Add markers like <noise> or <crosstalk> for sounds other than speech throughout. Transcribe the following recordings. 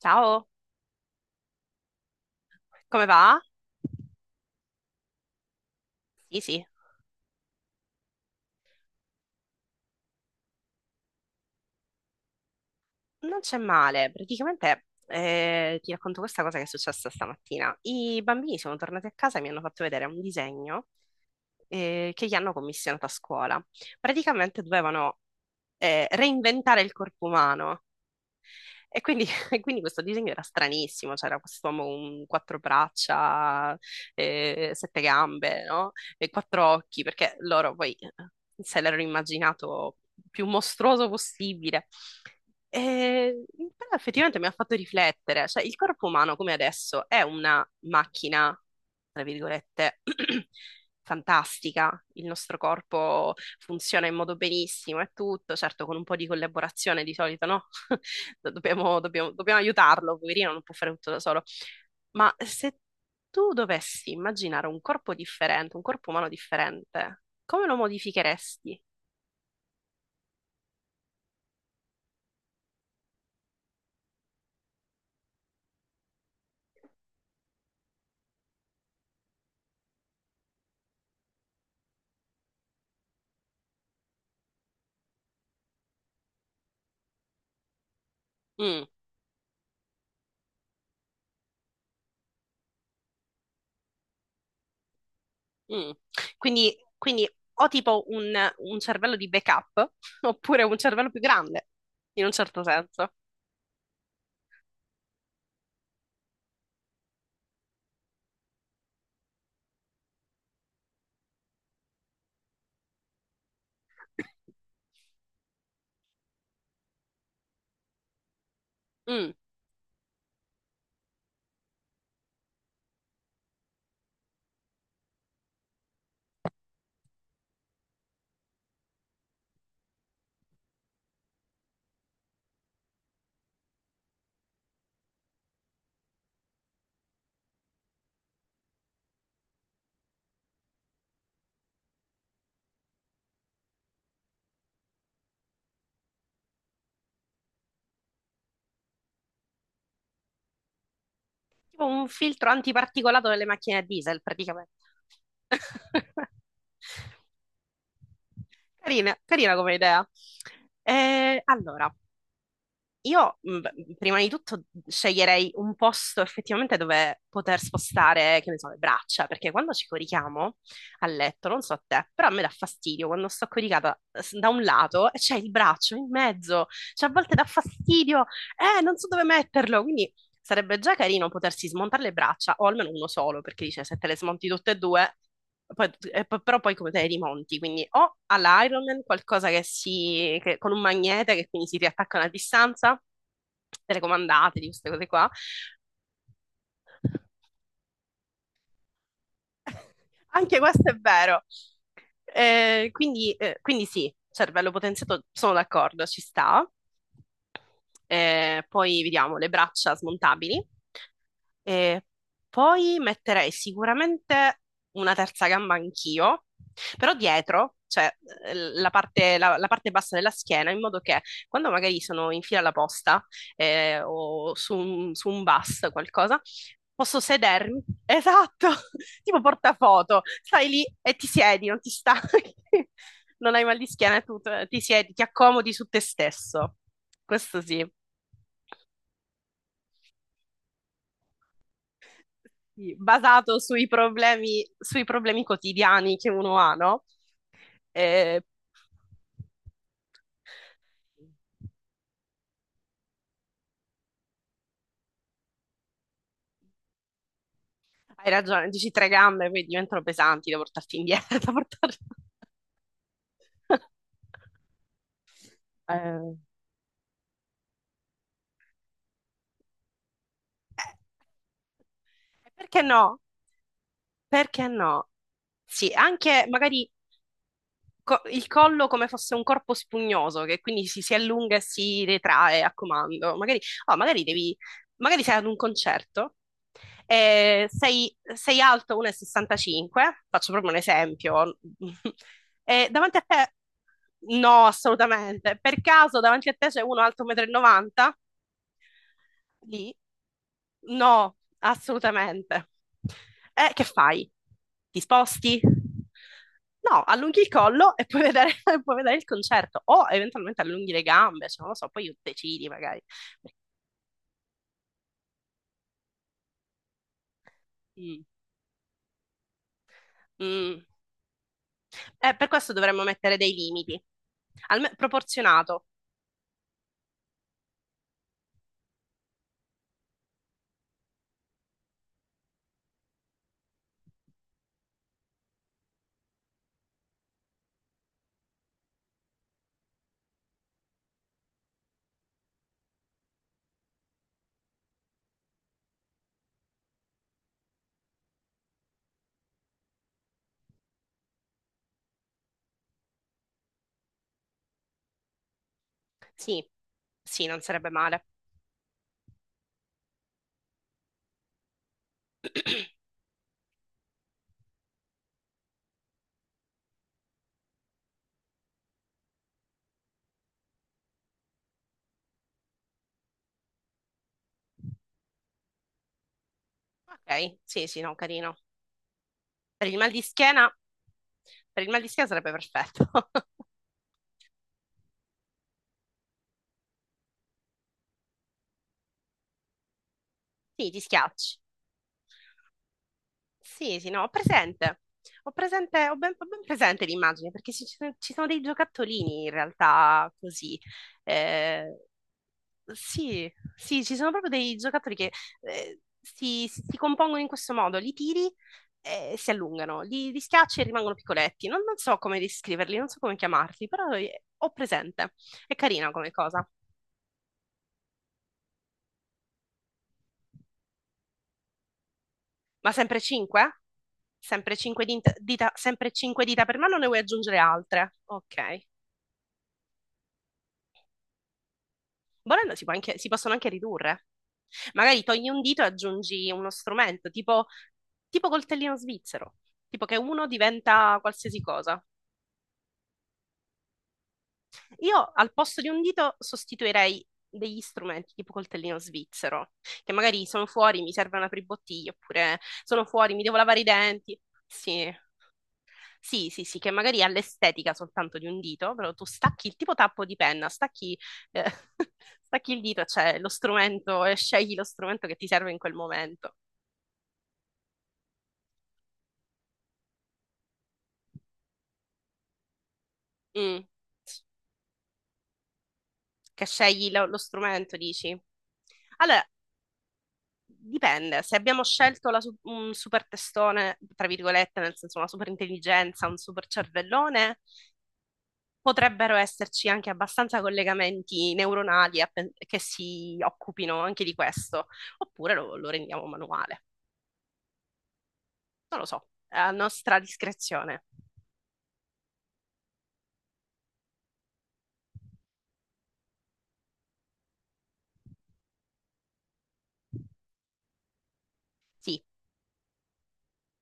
Ciao, come va? Sì, sì, non c'è male. Praticamente ti racconto questa cosa che è successa stamattina. I bambini sono tornati a casa e mi hanno fatto vedere un disegno che gli hanno commissionato a scuola. Praticamente dovevano reinventare il corpo umano. E quindi, <laughs> e quindi questo disegno era stranissimo, c'era quest'uomo con quattro braccia, sette gambe, no? E quattro occhi, perché loro poi se l'erano immaginato più mostruoso possibile. E, Però effettivamente mi ha fatto riflettere, cioè il corpo umano come adesso è una macchina, tra virgolette, <clears throat> fantastica, il nostro corpo funziona in modo benissimo e tutto, certo con un po' di collaborazione di solito, no? <laughs> Dobbiamo aiutarlo, poverino, non può fare tutto da solo. Ma se tu dovessi immaginare un corpo differente, un corpo umano differente, come lo modificheresti? Mm, mm. Quindi o tipo un cervello di backup, <laughs> oppure un cervello più grande, in un certo senso. Mm. Tipo un filtro antiparticolato nelle macchine a diesel, praticamente. <laughs> Carina, carina come idea. Allora, io prima di tutto sceglierei un posto effettivamente dove poter spostare, che ne so, le braccia, perché quando ci corichiamo a letto, non so a te, però a me dà fastidio quando sto coricata da un lato e c'è il braccio in mezzo, cioè a volte dà fastidio, non so dove metterlo, quindi sarebbe già carino potersi smontare le braccia, o almeno uno solo, perché dice se te le smonti tutte e due, però poi come te le rimonti? Quindi o all'Iron Man qualcosa con un magnete che quindi si riattaccano a una distanza, telecomandate, di queste cose qua. <laughs> Anche questo è vero. Quindi sì, cervello potenziato, sono d'accordo, ci sta. Poi vediamo le braccia smontabili. E poi metterei sicuramente una terza gamba anch'io, però dietro, cioè la parte bassa della schiena, in modo che quando magari sono in fila alla posta o su un bus, qualcosa. Posso sedermi? Esatto, <laughs> tipo portafoto. Stai lì e ti siedi, non ti stanchi, <laughs> non hai mal di schiena e tutto. Ti siedi, ti accomodi su te stesso. Questo sì. Sì, basato sui problemi quotidiani che uno ha, no? Eh, Hai ragione, dici tre gambe, poi diventano pesanti da portarti indietro, <laughs> da portarti. Eh, Perché no? Perché no? Sì, anche magari il collo come fosse un corpo spugnoso, che quindi si allunga e si retrae a comando. Magari, oh, magari sei ad un concerto, e sei alto 1,65, faccio proprio un esempio, <laughs> e davanti a te, no, assolutamente, per caso davanti a te c'è uno alto 1,90 m. Lì? No, assolutamente. E che fai? Ti sposti? No, allunghi il collo e puoi vedere, <laughs> puoi vedere il concerto o eventualmente allunghi le gambe, cioè, non lo so, poi decidi magari. Mm, mm. Per questo dovremmo mettere dei limiti. Proporzionato. Sì, sì, non sarebbe male. <clears throat> Ok, sì, sì, no, carino. Per il mal di schiena, per il mal di schiena sarebbe perfetto. <laughs> Sì, ti schiacci. Sì, sì, no, ho presente. Ho presente, ho ben presente l'immagine perché ci sono dei giocattolini in realtà così. Eh, sì, sì, ci sono proprio dei giocattoli che si compongono in questo modo, li tiri e si allungano, li schiacci e rimangono piccoletti. Non so come descriverli, non so come chiamarli, però ho presente. È carina come cosa. Ma sempre cinque? Sempre cinque dita, sempre cinque dita per mano, o ne vuoi aggiungere altre? Ok. Volendo si possono anche ridurre. Magari togli un dito e aggiungi uno strumento, tipo coltellino svizzero, tipo che uno diventa qualsiasi cosa. Io al posto di un dito sostituirei degli strumenti tipo coltellino svizzero, che magari sono fuori, mi serve una pribottiglia, oppure sono fuori, mi devo lavare i denti. Sì, sì, sì, sì, che magari ha l'estetica soltanto di un dito, però tu stacchi il tipo tappo di penna, eh, <laughs> stacchi il dito, cioè lo strumento, e scegli lo strumento che ti serve in quel momento. Mm. Che scegli lo strumento, dici? Allora, dipende. Se abbiamo scelto un super testone, tra virgolette, nel senso una super intelligenza, un super cervellone, potrebbero esserci anche abbastanza collegamenti neuronali che si occupino anche di questo, oppure lo rendiamo manuale. Non lo so, è a nostra discrezione. Sì,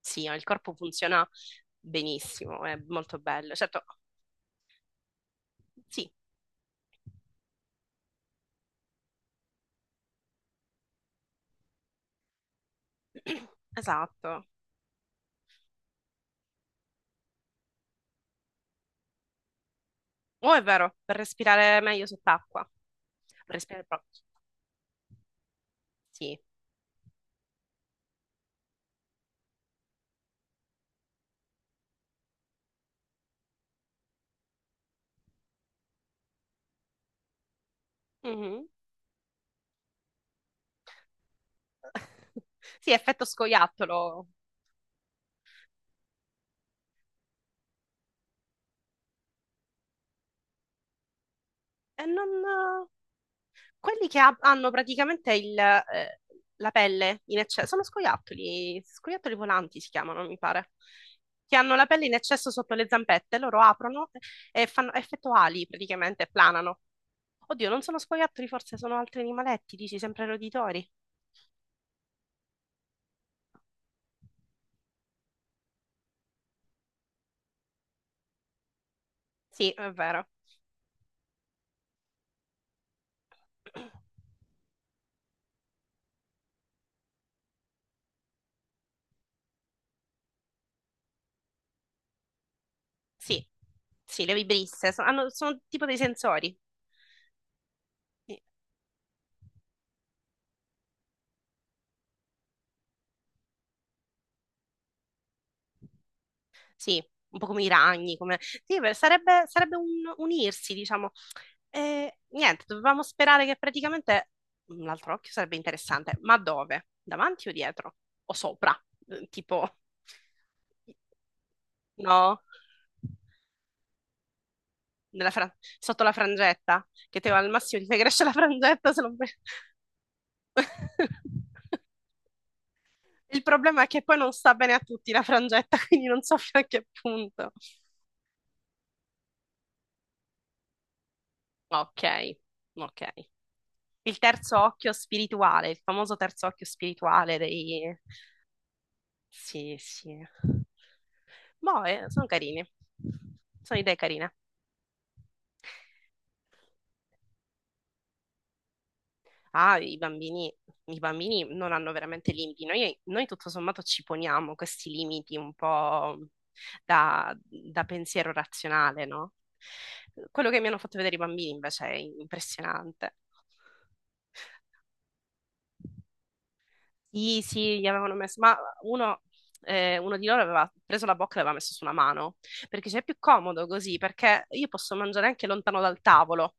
sì, il corpo funziona benissimo, è molto bello. Certo, sì, <clears throat> esatto. Oh, è vero, per respirare meglio sott'acqua. Per respirare proprio. Sì. Mhm. <laughs> Sì, effetto scoiattolo. E non. Quelli che hanno praticamente la pelle in eccesso, sono scoiattoli, scoiattoli volanti si chiamano, mi pare, che hanno la pelle in eccesso sotto le zampette, loro aprono e fanno effetto ali praticamente, planano. Oddio, non sono scoiattoli, forse sono altri animaletti, dici sempre roditori. Sì, è vero. <clears throat> Sì, sì, le vibrisse, sono tipo dei sensori. Sì. Sì, un po' come i ragni, come. Sì, beh, sarebbe un unirsi, diciamo. Niente, dovevamo sperare che praticamente l'altro occhio sarebbe interessante, ma dove? Davanti o dietro? O sopra? Tipo, no? Sotto la frangetta? Che te al massimo ti fai crescere la frangetta se non <laughs> Il problema è che poi non sta bene a tutti la frangetta, <laughs> quindi non so fino a che punto. Ok, ok. Il terzo occhio spirituale, il famoso terzo occhio spirituale dei. Sì, sì. Boh, sono carini. Sono idee carine. Ah, i bambini, non hanno veramente limiti. Noi tutto sommato ci poniamo questi limiti un po' da pensiero razionale, no? Quello che mi hanno fatto vedere i bambini invece è impressionante. Sì, sì, gli avevano messo, ma uno, uno di loro aveva preso la bocca e l'aveva messo su una mano, perché c'è più comodo così, perché io posso mangiare anche lontano dal tavolo,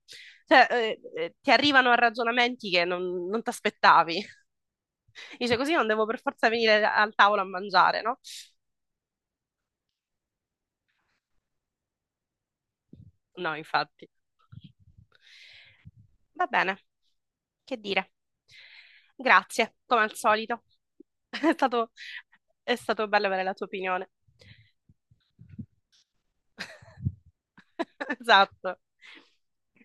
cioè ti arrivano ragionamenti che non ti aspettavi, <laughs> dice così non devo per forza venire al tavolo a mangiare, no? No, infatti. Va bene, che dire. Grazie, come al solito. <laughs> È stato, è stato bello avere la tua opinione. <laughs> Esatto.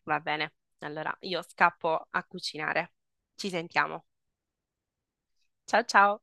Va bene. Allora, io scappo a cucinare. Ci sentiamo. Ciao ciao.